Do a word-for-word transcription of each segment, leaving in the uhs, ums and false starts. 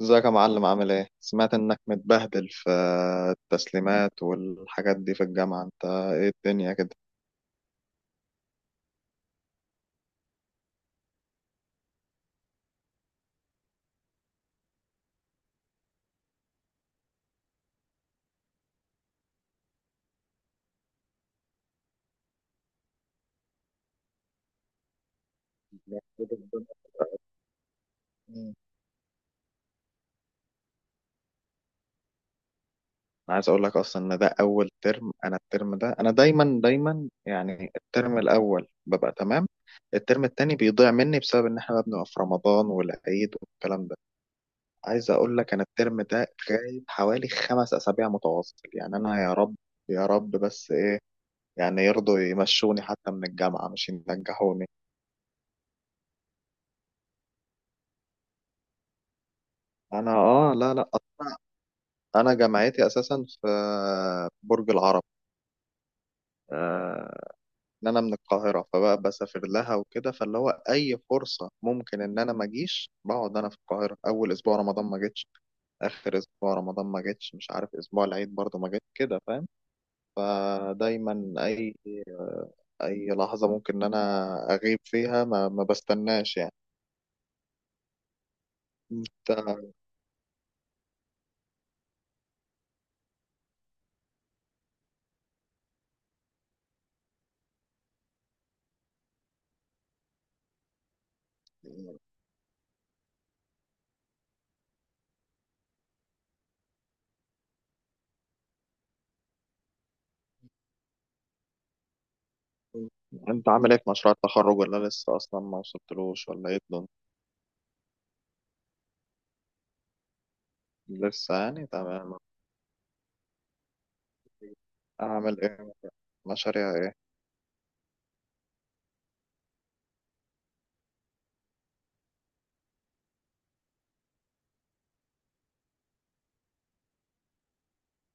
ازيك يا معلم؟ عامل ايه؟ سمعت انك متبهدل في التسليمات والحاجات دي في الجامعة. انت ايه الدنيا كده؟ مم. انا عايز اقول لك اصلا ان ده اول ترم. انا الترم ده، انا دايما دايما يعني الترم الاول ببقى تمام. الترم التاني بيضيع مني بسبب ان احنا بقى بنبقى في رمضان والعيد والكلام ده. عايز اقول لك انا الترم ده غايب حوالي خمس اسابيع متواصل. يعني انا يا رب يا رب، بس ايه؟ يعني يرضوا يمشوني حتى من الجامعة، مش ينجحوني. انا اه، لا لا، انا جامعتي اساسا في برج العرب. آه، ان انا من القاهره فبقى بسافر لها وكده، فاللي هو اي فرصه ممكن ان انا ما اجيش بقعد انا في القاهره. اول اسبوع رمضان ما جيتش، اخر اسبوع رمضان ما جيتش، مش عارف اسبوع العيد برضه ما جيت كده، فاهم؟ فدايما اي اي لحظه ممكن ان انا اغيب فيها، ما, ما بستناش يعني. انت انت عامل ايه في مشروع التخرج؟ ولا لسه اصلا ما وصلتلوش؟ ولا ايه الدنيا؟ لسه يعني تمام. اعمل ايه؟ مشاريع ايه؟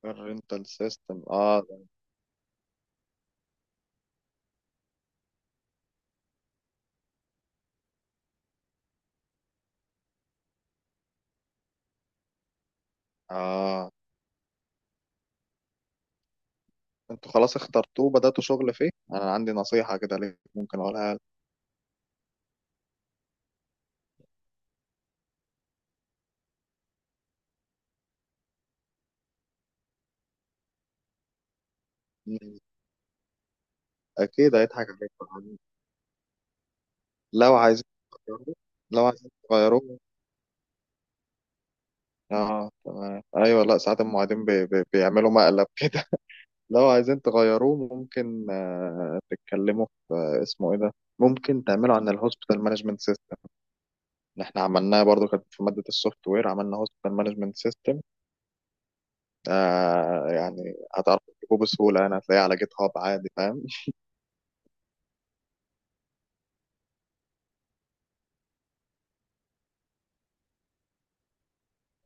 الرينتال سيستم، اه ده- اه، انتوا خلاص اخترتوه بدأتوا شغل فيه. انا عندي نصيحة كده ليك ممكن اقولها لك. مم. اكيد هيضحك عليك طبعاً. لو عايزين تغيروه، لو عايزين تغيروه، اه تمام، ايوه، لا ساعات المعيدين بي بي بيعملوا مقلب كده. لو عايزين تغيروه ممكن آه تتكلموا في آه اسمه ايه ده، ممكن تعملوا عن الهوسبيتال مانجمنت سيستم. اللي احنا عملناه برضو كانت في مادة السوفت وير، عملنا هوستل مانجمنت سيستم. آه، يعني هتعرف تجيبه بسهولة، يعني هتلاقيه على جيت هاب عادي، فاهم؟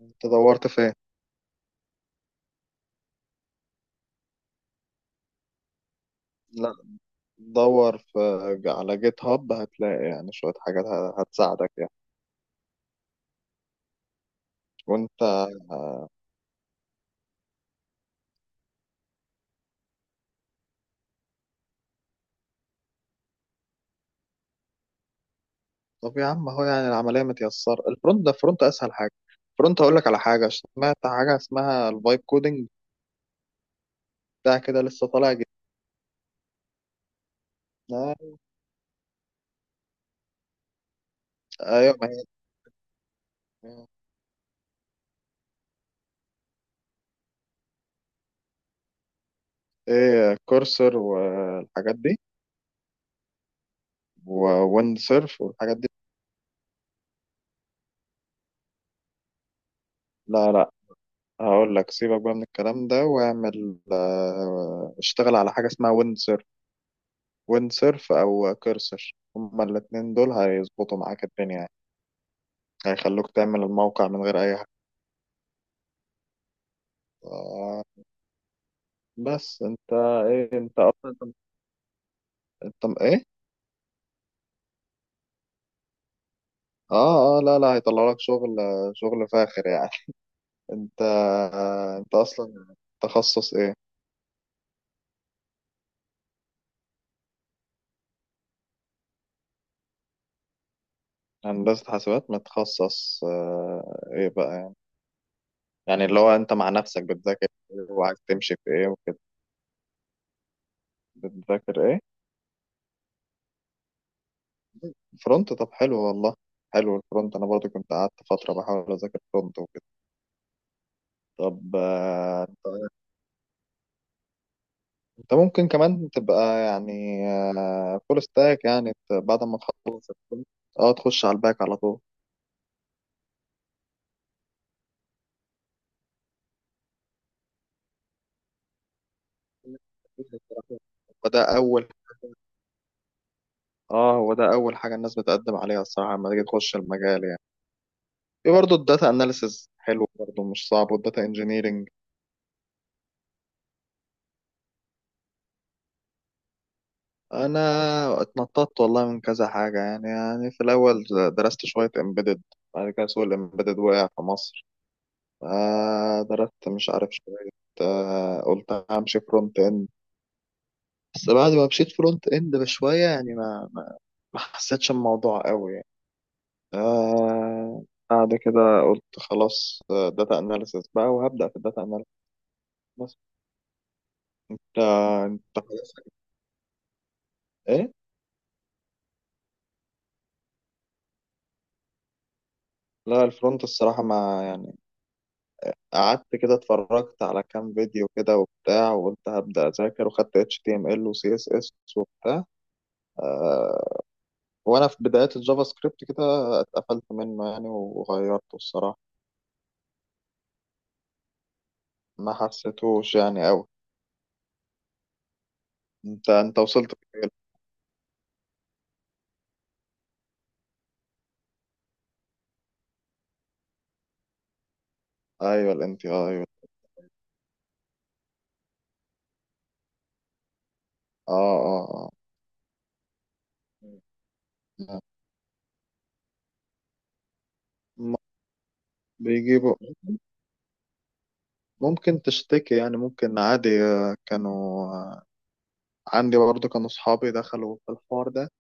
انت دورت فين؟ لا، دور في على جيت هاب، هتلاقي يعني شوية حاجات ه- هتساعدك يعني. وانت آه، طب يا عم اهو، يعني العملية متيسرة. الفرونت ده الفرونت اسهل حاجة. الفرونت هقول لك على حاجة، سمعت حاجة اسمها الفايب كودنج بتاع كده، لسه طالع جديد. آه، ايوه ما هي، ايه كورسر والحاجات دي، وون سيرف والحاجات دي. لا لا، هقول لك سيبك بقى من الكلام ده، واعمل آه، اشتغل على حاجة اسمها ويند سيرف. ويند سيرف او كيرسر، هما الاتنين دول هيظبطوا معاك الدنيا يعني. هيخلوك تعمل الموقع من غير اي حاجة. آه، بس انت ايه؟ انت اصلا انت, انت ايه؟ اه اه، لا لا، هيطلع لك شغل، شغل فاخر يعني. انت آه، انت اصلا تخصص ايه؟ هندسة حاسبات متخصص آه، ايه بقى؟ يعني اللي هو انت مع نفسك بتذاكر ايه؟ وعايز تمشي في ايه وكده؟ بتذاكر ايه؟ فرونت، طب حلو والله. حلو الفرونت، انا برضو كنت قعدت فترة بحاول اذاكر فرونت وكده. طب آه، انت ممكن كمان تبقى يعني فول ستاك، يعني ت- بعد ما تخلص الفرونت اه تخش على الباك على طول. وده اول اه، هو ده اول حاجه الناس بتقدم عليها الصراحه لما تيجي تخش المجال يعني. في برضه الداتا اناليسز حلو، برضه مش صعب، والداتا انجينيرنج. انا اتنططت والله من كذا حاجه يعني. يعني في الاول درست شويه امبيدد، بعد كده سوق الامبيدد وقع في مصر، فدرست مش عارف شويه. آه، قلت همشي فرونت اند، بس بعد ما مشيت فرونت اند بشويه يعني ما ما ما حسيتش الموضوع قوي يعني. آه، بعد كده قلت خلاص داتا اناليسيس بقى، وهبدا في الداتا اناليسيس. بس آه، انت خلاص، ايه؟ لا الفرونت الصراحه، ما قعدت كده، اتفرجت على كام فيديو كده وبتاع، وقلت هبدأ أذاكر وخدت H T M L و C S S وبتاع. آه، وأنا في بدايات الجافا سكريبت كده اتقفلت منه يعني، وغيرته الصراحة. ما حسيتوش يعني أوي. أنت أنت وصلت فين؟ أيوه ال ان تي آي، أيوه. آه آه آه. م- بيجيبوا، ممكن تشتكي يعني، ممكن عادي. آه، كانوا آه، عندي برضو كانوا صحابي دخلوا في الحوار ده،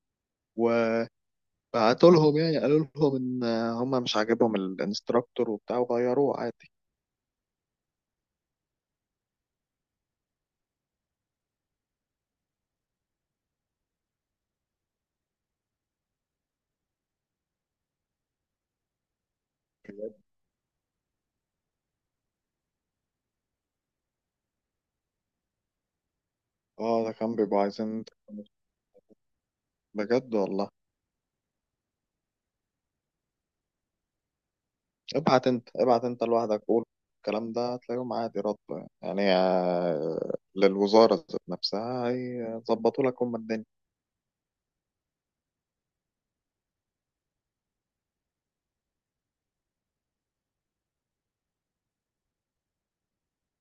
بعتوا لهم يعني، قالوا لهم ان هم مش عاجبهم الانستراكتور وبتاع، وغيروه عادي. اه، ده كان بيبقوا عايزين بجد والله. ابعت انت، ابعت انت لوحدك، قول الكلام ده هتلاقيهم عادي رد، يعني يعني آه، للوزارة ذات نفسها، هيظبطوا لك هم الدنيا.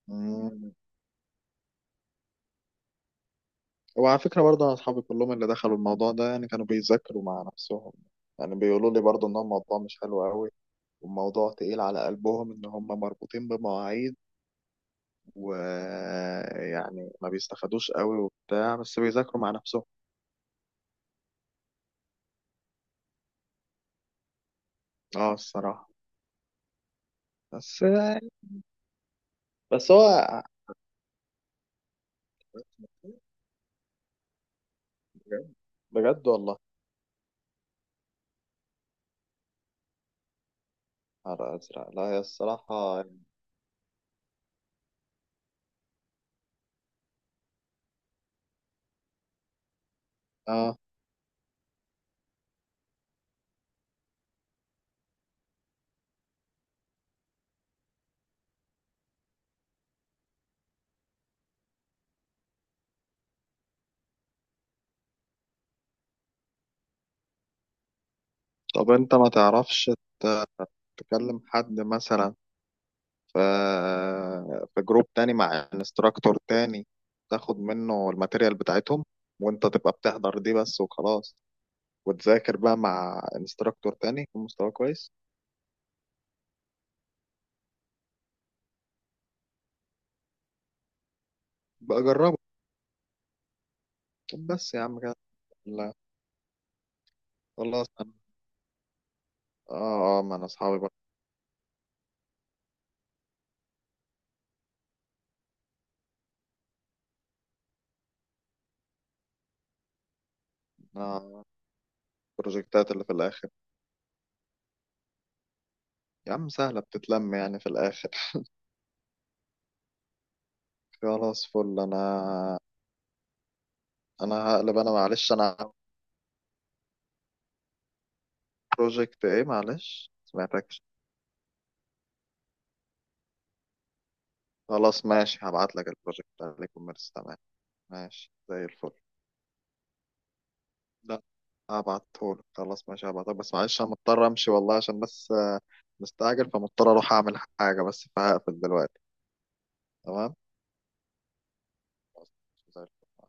مم. وعلى فكرة برضه، أنا أصحابي كلهم اللي دخلوا الموضوع ده، يعني كانوا بيذاكروا مع نفسهم. يعني بيقولوا لي برضه إن هو الموضوع مش حلو قوي، والموضوع تقيل على قلبهم إن هم مربوطين بمواعيد، ويعني ما بيستفادوش قوي وبتاع، بس بيذاكروا مع نفسهم. اه الصراحة. بس بس هو بجد والله، نهار أزرق. لا هي الصراحة يعني، اه. طب انت ما تعرفش ت- تكلم حد مثلا في في جروب تاني مع انستراكتور تاني، تاخد منه الماتيريال بتاعتهم، وانت تبقى بتحضر دي بس وخلاص، وتذاكر بقى مع انستراكتور تاني يكون مستواه كويس. بقى جربه. طب بس يا عم كده خلاص، انا اه اه، ما انا اصحابي بقى. انا البروجكتات اللي في الاخر يا عم سهله، بتتلم يعني في الاخر. خلاص فل. انا انا هقلب، انا معلش، انا بروجكت ايه؟ معلش سمعتكش. خلاص ماشي، هبعت لك البروجكت بتاع الكوميرس، تمام، ماشي زي الفل. لا، هبعتهولك، خلاص ماشي هبعتهولك، بس معلش انا مضطر امشي والله، عشان بس آه، مستعجل، فمضطر اروح اعمل حاجه، بس فهقفل دلوقتي. تمام، خلاص، زي الفل.